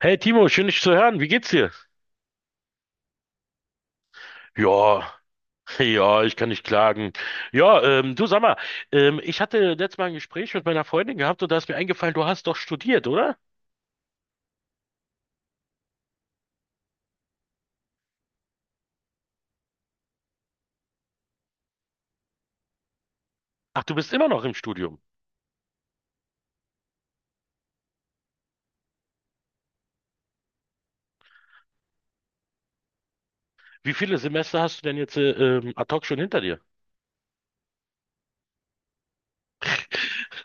Hey Timo, schön dich zu hören. Wie geht's dir? Ja, ja, ich kann nicht klagen. Ja, du sag mal, ich hatte letztes Mal ein Gespräch mit meiner Freundin gehabt und da ist mir eingefallen, du hast doch studiert, oder? Ach, du bist immer noch im Studium. Wie viele Semester hast du denn jetzt ad hoc schon hinter dir?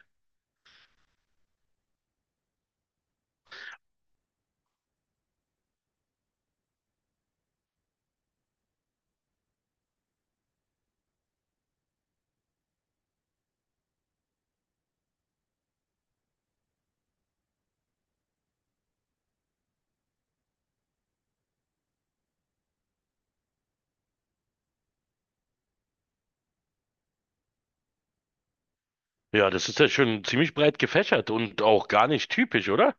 Ja, das ist ja schon ziemlich breit gefächert und auch gar nicht typisch, oder?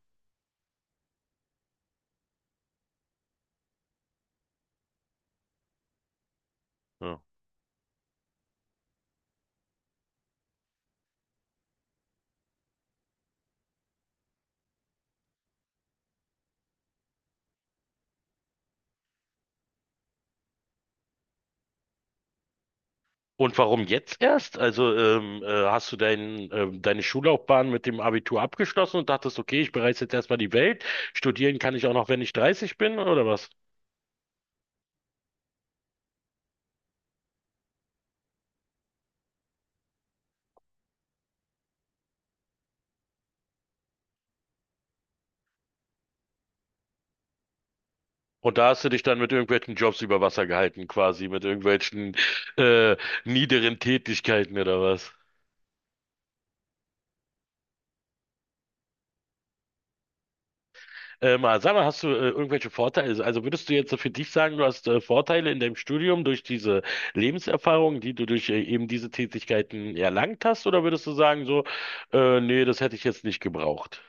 Ja. Und warum jetzt erst? Hast du deine Schullaufbahn mit dem Abitur abgeschlossen und dachtest: okay, ich bereise jetzt erstmal die Welt. Studieren kann ich auch noch, wenn ich 30 bin, oder was? Und da hast du dich dann mit irgendwelchen Jobs über Wasser gehalten, quasi, mit irgendwelchen äh, niederen Tätigkeiten oder was? Aber sag mal, hast du irgendwelche Vorteile? Also würdest du jetzt so für dich sagen, du hast Vorteile in deinem Studium durch diese Lebenserfahrung, die du durch eben diese Tätigkeiten erlangt hast, oder würdest du sagen so, nee, das hätte ich jetzt nicht gebraucht?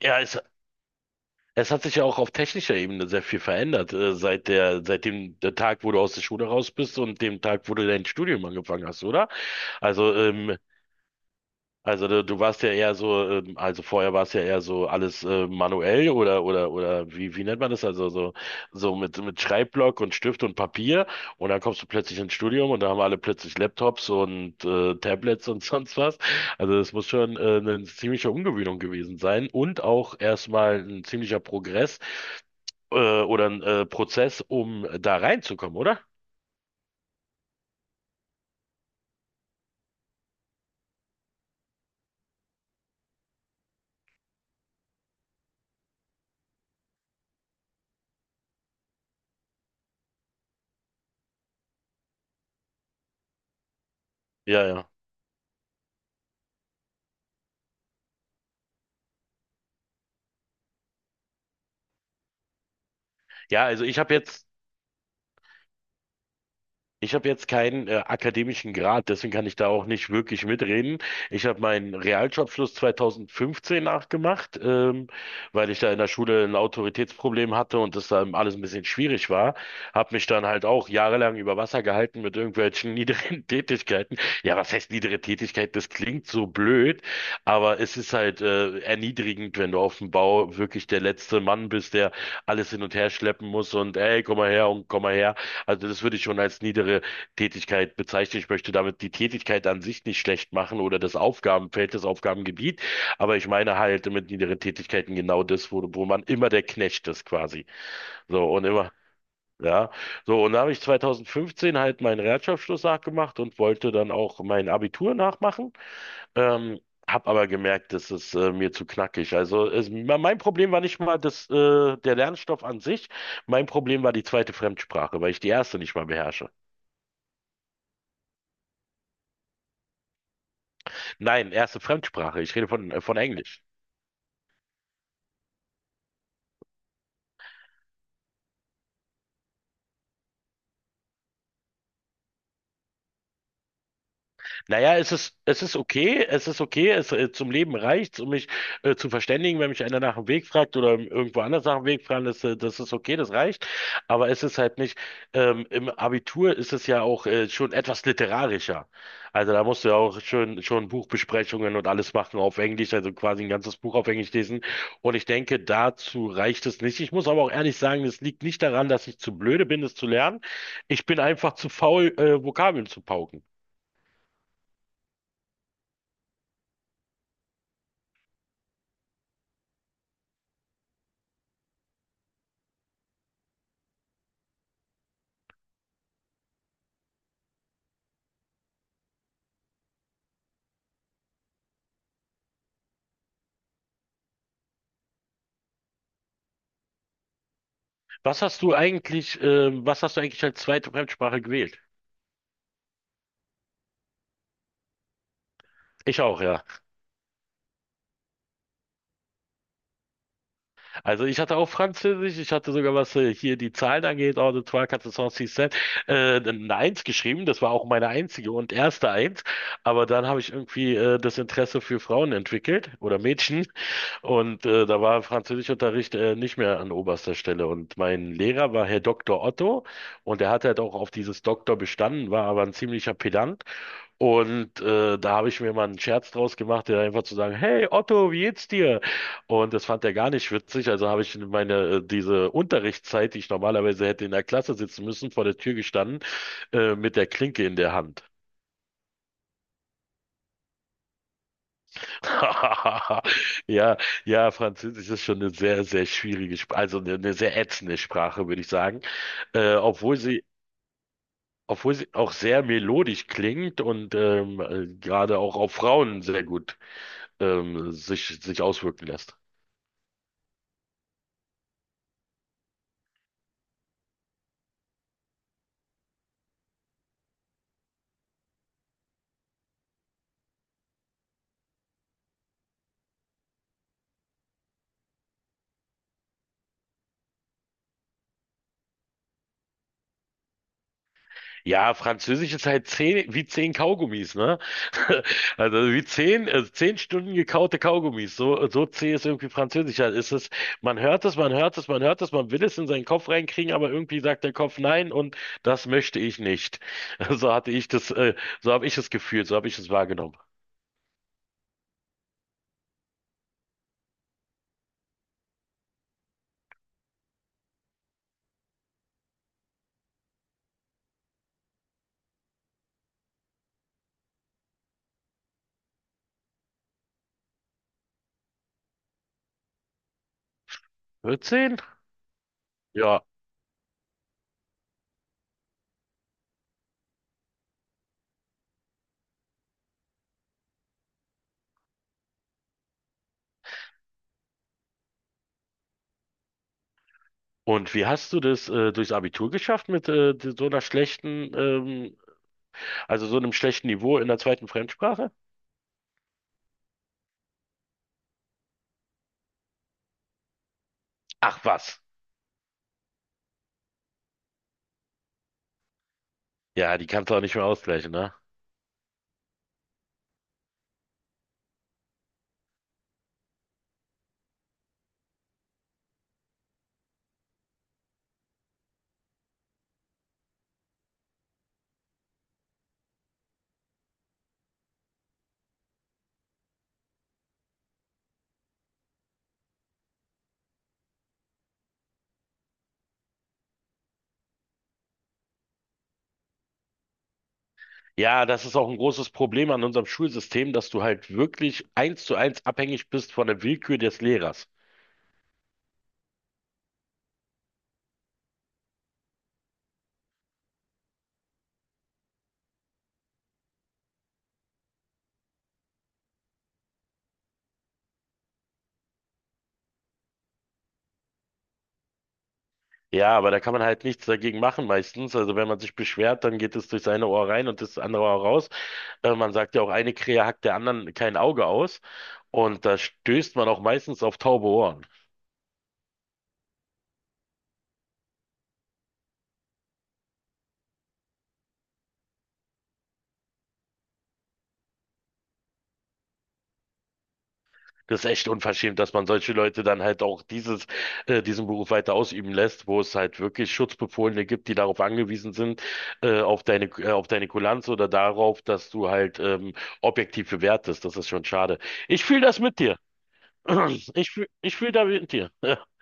Ja, es, es hat sich ja auch auf technischer Ebene sehr viel verändert, seit dem der Tag, wo du aus der Schule raus bist und dem Tag, wo du dein Studium angefangen hast, oder? Also ähm, Du, warst ja eher so, also vorher war es ja eher so alles manuell oder oder wie nennt man das? Also so mit Schreibblock und Stift und Papier und dann kommst du plötzlich ins Studium und da haben alle plötzlich Laptops und Tablets und sonst was. Also das muss schon eine ziemliche Umgewöhnung gewesen sein und auch erstmal ein ziemlicher Progress oder ein Prozess, um da reinzukommen, oder? Ja, ja. Ja, also ich habe jetzt Ich habe jetzt keinen akademischen Grad, deswegen kann ich da auch nicht wirklich mitreden. Ich habe meinen Realschulabschluss 2015 nachgemacht, weil ich da in der Schule ein Autoritätsproblem hatte und das dann alles ein bisschen schwierig war. Habe mich dann halt auch jahrelang über Wasser gehalten mit irgendwelchen niederen Tätigkeiten. Ja, was heißt niedere Tätigkeit? Das klingt so blöd, aber es ist halt erniedrigend, wenn du auf dem Bau wirklich der letzte Mann bist, der alles hin und her schleppen muss und ey, komm mal her und komm mal her. Also das würde ich schon als niedere Tätigkeit bezeichnen. Ich möchte damit die Tätigkeit an sich nicht schlecht machen oder das Aufgabenfeld, das Aufgabengebiet, aber ich meine halt mit niederen Tätigkeiten genau das, wo man immer der Knecht ist quasi. So und immer, ja. So und da habe ich 2015 halt meinen Realschulabschluss nachgemacht und wollte dann auch mein Abitur nachmachen. Ähm, Hab aber gemerkt, das ist mir zu knackig. Mein Problem war nicht mal das, der Lernstoff an sich. Mein Problem war die zweite Fremdsprache, weil ich die erste nicht mal beherrsche. Nein, erste Fremdsprache. Ich rede von Englisch. Es ist okay, zum Leben reicht's, um mich zu verständigen, wenn mich einer nach dem Weg fragt oder irgendwo anders nach dem Weg fragen, das ist okay, das reicht. Aber es ist halt nicht, Im Abitur ist es ja auch schon etwas literarischer. Also da musst du ja auch schon Buchbesprechungen und alles machen auf Englisch, also quasi ein ganzes Buch auf Englisch lesen. Und ich denke, dazu reicht es nicht. Ich muss aber auch ehrlich sagen, es liegt nicht daran, dass ich zu blöde bin, es zu lernen. Ich bin einfach zu faul, Vokabeln zu pauken. Was hast du eigentlich als zweite Fremdsprache gewählt? Ich auch, ja. Also ich hatte auch Französisch, ich hatte sogar, was hier die Zahlen angeht, Ordre, Trois, Quatre, Cinq, Six, Sept, eine Eins geschrieben. Das war auch meine einzige und erste Eins. Aber dann habe ich irgendwie das Interesse für Frauen entwickelt oder Mädchen. Und da war Französischunterricht nicht mehr an oberster Stelle. Und mein Lehrer war Herr Doktor Otto und er hat halt auch auf dieses Doktor bestanden, war aber ein ziemlicher Pedant. Und da habe ich mir mal einen Scherz draus gemacht, der einfach zu sagen: hey Otto, wie geht's dir? Und das fand er gar nicht witzig, also habe ich diese Unterrichtszeit, die ich normalerweise hätte in der Klasse sitzen müssen, vor der Tür gestanden, mit der Klinke in der Hand. Ja, ja, Französisch ist schon eine sehr, sehr schwierige Sprache, also eine sehr ätzende Sprache, würde ich sagen. Äh, obwohl sie Obwohl sie auch sehr melodisch klingt und gerade auch auf Frauen sehr gut sich auswirken lässt. Ja, Französisch ist halt zehn, wie zehn Kaugummis, ne? Also wie zehn, zehn Stunden gekaute Kaugummis. So, so zäh ist irgendwie Französisch. Halt ist es, man hört es, man hört es, man hört es, man will es in seinen Kopf reinkriegen, aber irgendwie sagt der Kopf nein und das möchte ich nicht. So hatte ich so habe ich es gefühlt, so habe ich es wahrgenommen. 14? Ja. Und wie hast du das durchs Abitur geschafft mit so einer schlechten, also so einem schlechten Niveau in der zweiten Fremdsprache? Ach was. Ja, die kannst du auch nicht mehr ausgleichen, ne? Ja, das ist auch ein großes Problem an unserem Schulsystem, dass du halt wirklich eins zu eins abhängig bist von der Willkür des Lehrers. Ja, aber da kann man halt nichts dagegen machen meistens. Also wenn man sich beschwert, dann geht es durch das eine Ohr rein und das andere Ohr raus. Man sagt ja auch, eine Krähe hackt der anderen kein Auge aus. Und da stößt man auch meistens auf taube Ohren. Das ist echt unverschämt, dass man solche Leute dann halt auch diesen Beruf weiter ausüben lässt, wo es halt wirklich Schutzbefohlene gibt, die darauf angewiesen sind, auf deine Kulanz oder darauf, dass du halt, objektiv bewertest. Das ist schon schade. Ich fühle das mit dir. Ich fühl da mit dir.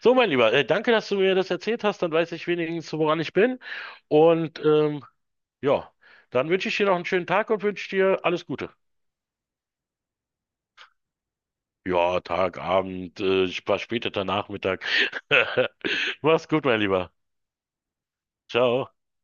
So, mein Lieber, danke, dass du mir das erzählt hast. Dann weiß ich wenigstens, woran ich bin. Und ähm, ja, dann wünsche ich dir noch einen schönen Tag und wünsche dir alles Gute. Ja, Tag, Abend, später Nachmittag. Mach's gut, mein Lieber. Ciao.